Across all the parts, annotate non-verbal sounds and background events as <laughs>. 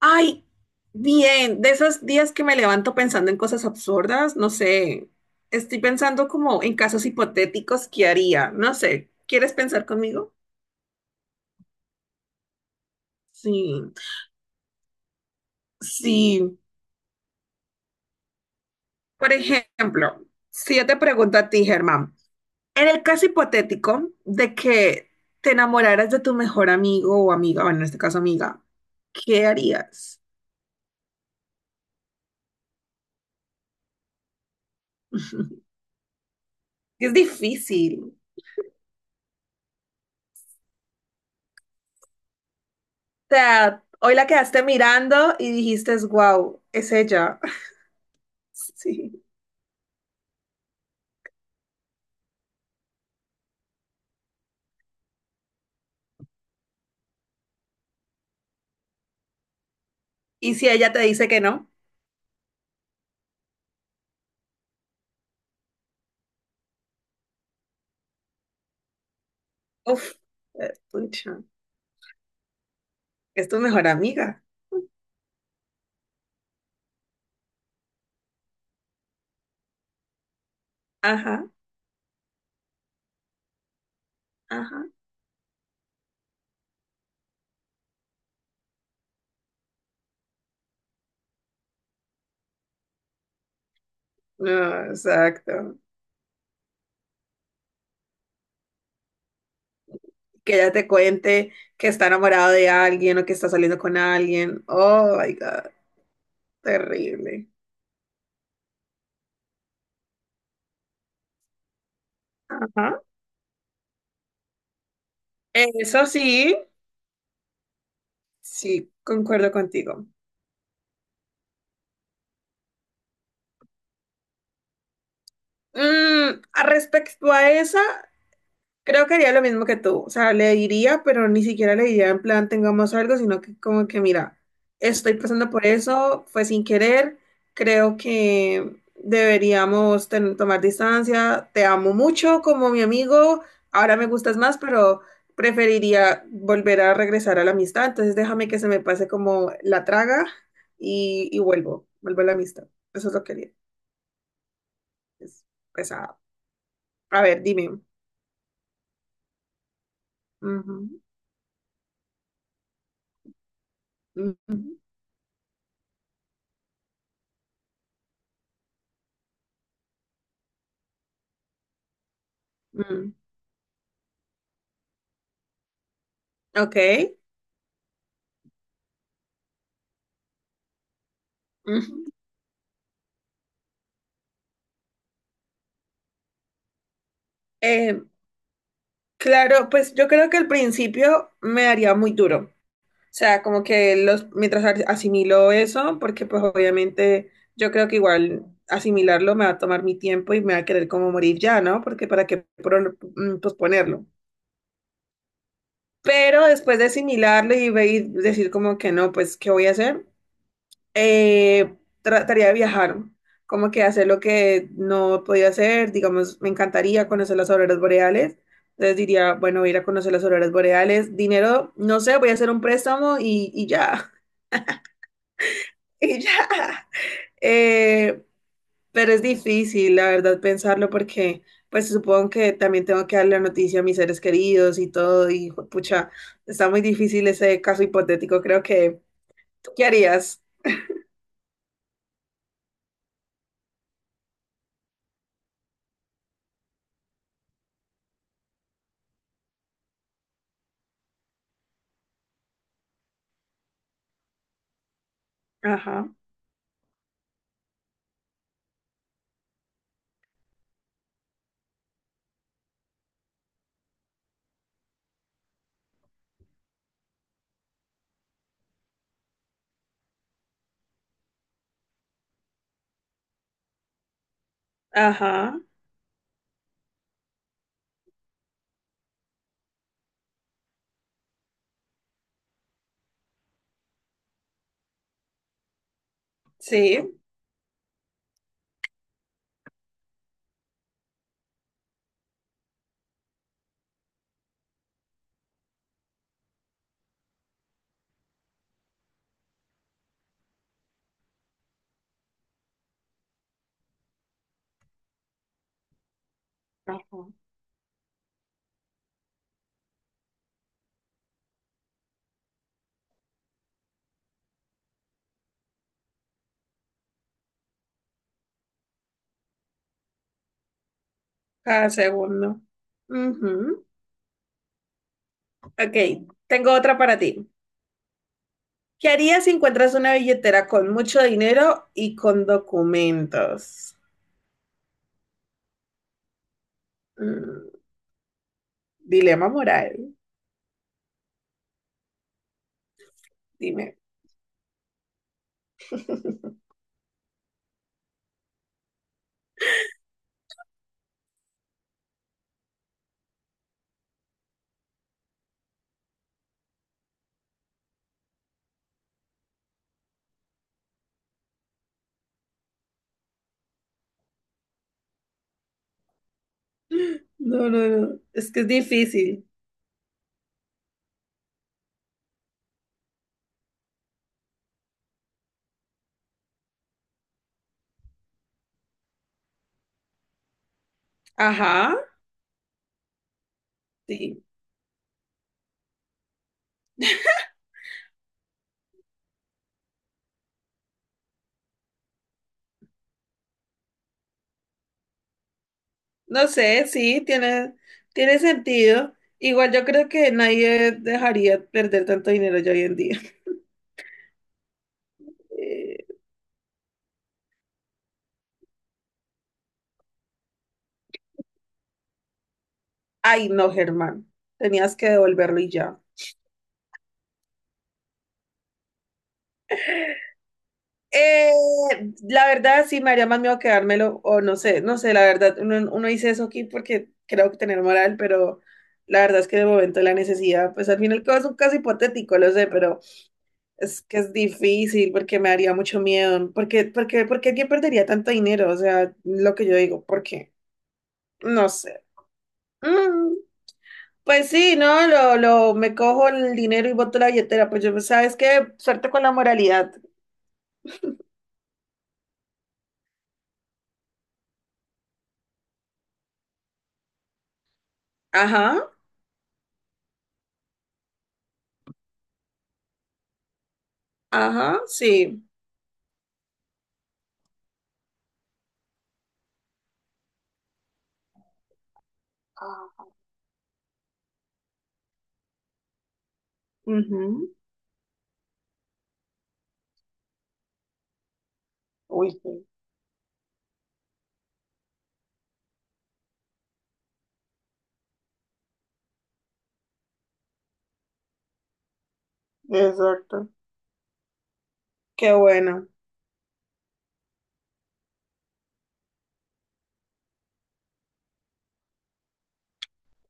Ay, bien, de esos días que me levanto pensando en cosas absurdas, no sé, estoy pensando como en casos hipotéticos que haría, no sé, ¿quieres pensar conmigo? Sí, sí. Por ejemplo, si yo te pregunto a ti, Germán, en el caso hipotético de que te enamoraras de tu mejor amigo o amiga, bueno, en este caso amiga, ¿qué harías? Es difícil. O sea, hoy la quedaste mirando y dijiste, wow, es ella. <laughs> Sí. Y si ella te dice que no, uff, es pucha, es tu mejor amiga. Ajá, ajá. No, exacto. Que ella te cuente que está enamorado de alguien o que está saliendo con alguien. Oh my God, terrible. Ajá. Eso sí, sí, concuerdo contigo. Mm, a respecto a esa, creo que haría lo mismo que tú, o sea, le diría, pero ni siquiera le diría en plan tengamos algo, sino que como que mira, estoy pasando por eso, fue sin querer, creo que deberíamos tomar distancia, te amo mucho como mi amigo, ahora me gustas más, pero preferiría volver a regresar a la amistad, entonces déjame que se me pase como la traga y vuelvo, vuelvo a la amistad, eso es lo que haría, es pesado. A ver, dime. Ujú, ujú, ujú. Ok. Ujú. Eh, claro, pues yo creo que al principio me haría muy duro. O sea, como que los, mientras asimilo eso, porque pues obviamente yo creo que igual asimilarlo me va a tomar mi tiempo y me va a querer como morir ya, ¿no? Porque para qué posponerlo. Pero después de asimilarlo y, y decir como que no, pues, ¿qué voy a hacer? eh, Trataría de viajar, como que hacer lo que no podía hacer, digamos, me encantaría conocer las auroras boreales, entonces diría, bueno, voy a ir a conocer las auroras boreales, dinero, no sé, voy a hacer un préstamo y ya, <laughs> y ya. Eh, pero es difícil, la verdad, pensarlo porque, pues supongo que también tengo que darle la noticia a mis seres queridos y todo, y pucha, está muy difícil ese caso hipotético, creo que, ¿tú qué harías? Ajá, ajá, sí. Ajá. Cada segundo. Ujú. Ok, tengo otra para ti. ¿Qué harías si encuentras una billetera con mucho dinero y con documentos? Mm, dilema moral, dime. No, no, no, es que es difícil. Ajá, sí. No sé, sí, tiene, tiene sentido. Igual yo creo que nadie dejaría perder tanto dinero ya hoy en día. <laughs> Eh, Ay, no, Germán, tenías que devolverlo y ya. Eh, la verdad, sí, me haría más miedo quedármelo, o no sé, no sé, la verdad, uno, uno dice eso aquí porque creo que tener moral, pero la verdad es que de momento la necesidad, pues al final es un caso hipotético, lo sé, pero es que es difícil porque me haría mucho miedo, porque, porque, porque alguien perdería tanto dinero, o sea, lo que yo digo, porque, no sé. Mm, pues sí, ¿no? Me cojo el dinero y boto la billetera, pues yo, ¿sabes qué? Suerte con la moralidad. Ajá, ajá, sí. Ah. Ujú. Uy, sí, exacto. Qué bueno.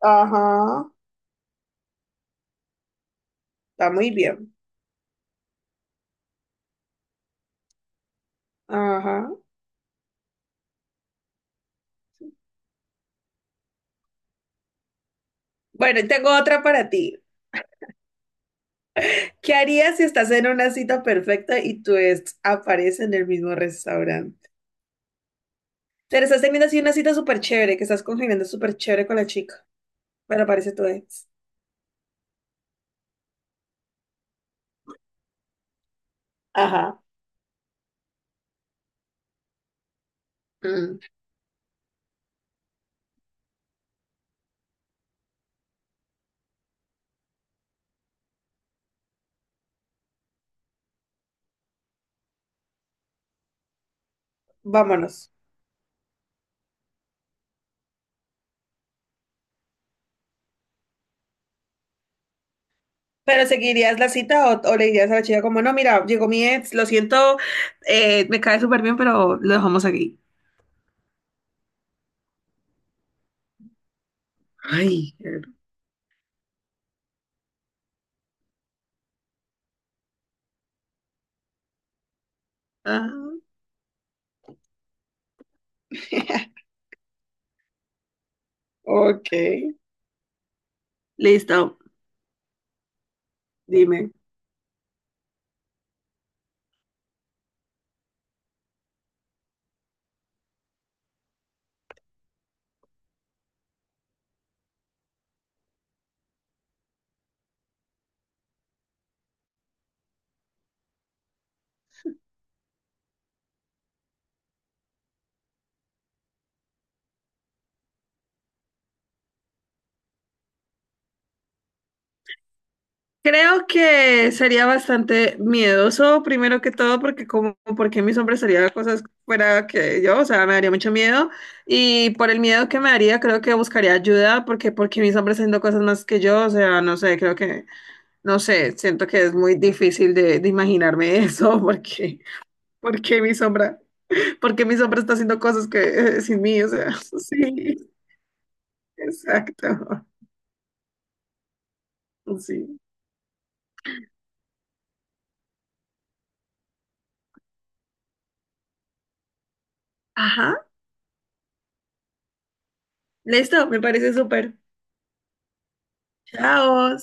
Ajá, está muy bien. Ajá. Bueno, y tengo otra para ti. ¿Qué harías si estás en una cita perfecta y tu ex aparece en el mismo restaurante? Te estás teniendo así una cita súper chévere, que estás congeniando súper chévere con la chica, pero aparece tu ex. Ajá. Mm, vámonos. ¿Pero seguirías la cita o le dirías a la chica como, no, mira, llegó mi ex, lo siento, me cae súper bien, pero lo dejamos aquí? Ay, qué- Ajá. <laughs> Ok, listo, dime. Creo que sería bastante miedoso, primero que todo, porque como, porque mi sombra harían cosas fuera que yo, o sea, me daría mucho miedo. Y por el miedo que me daría, creo que buscaría ayuda, porque, porque mi sombra haciendo cosas más que yo, o sea, no sé, creo que, no sé, siento que es muy difícil de imaginarme <laughs> eso, porque, porque mi sombra, porque mi sombra está haciendo cosas que sin mí, o sea, <laughs> sí, exacto, sí. Ajá. Listo, me parece súper. Chao.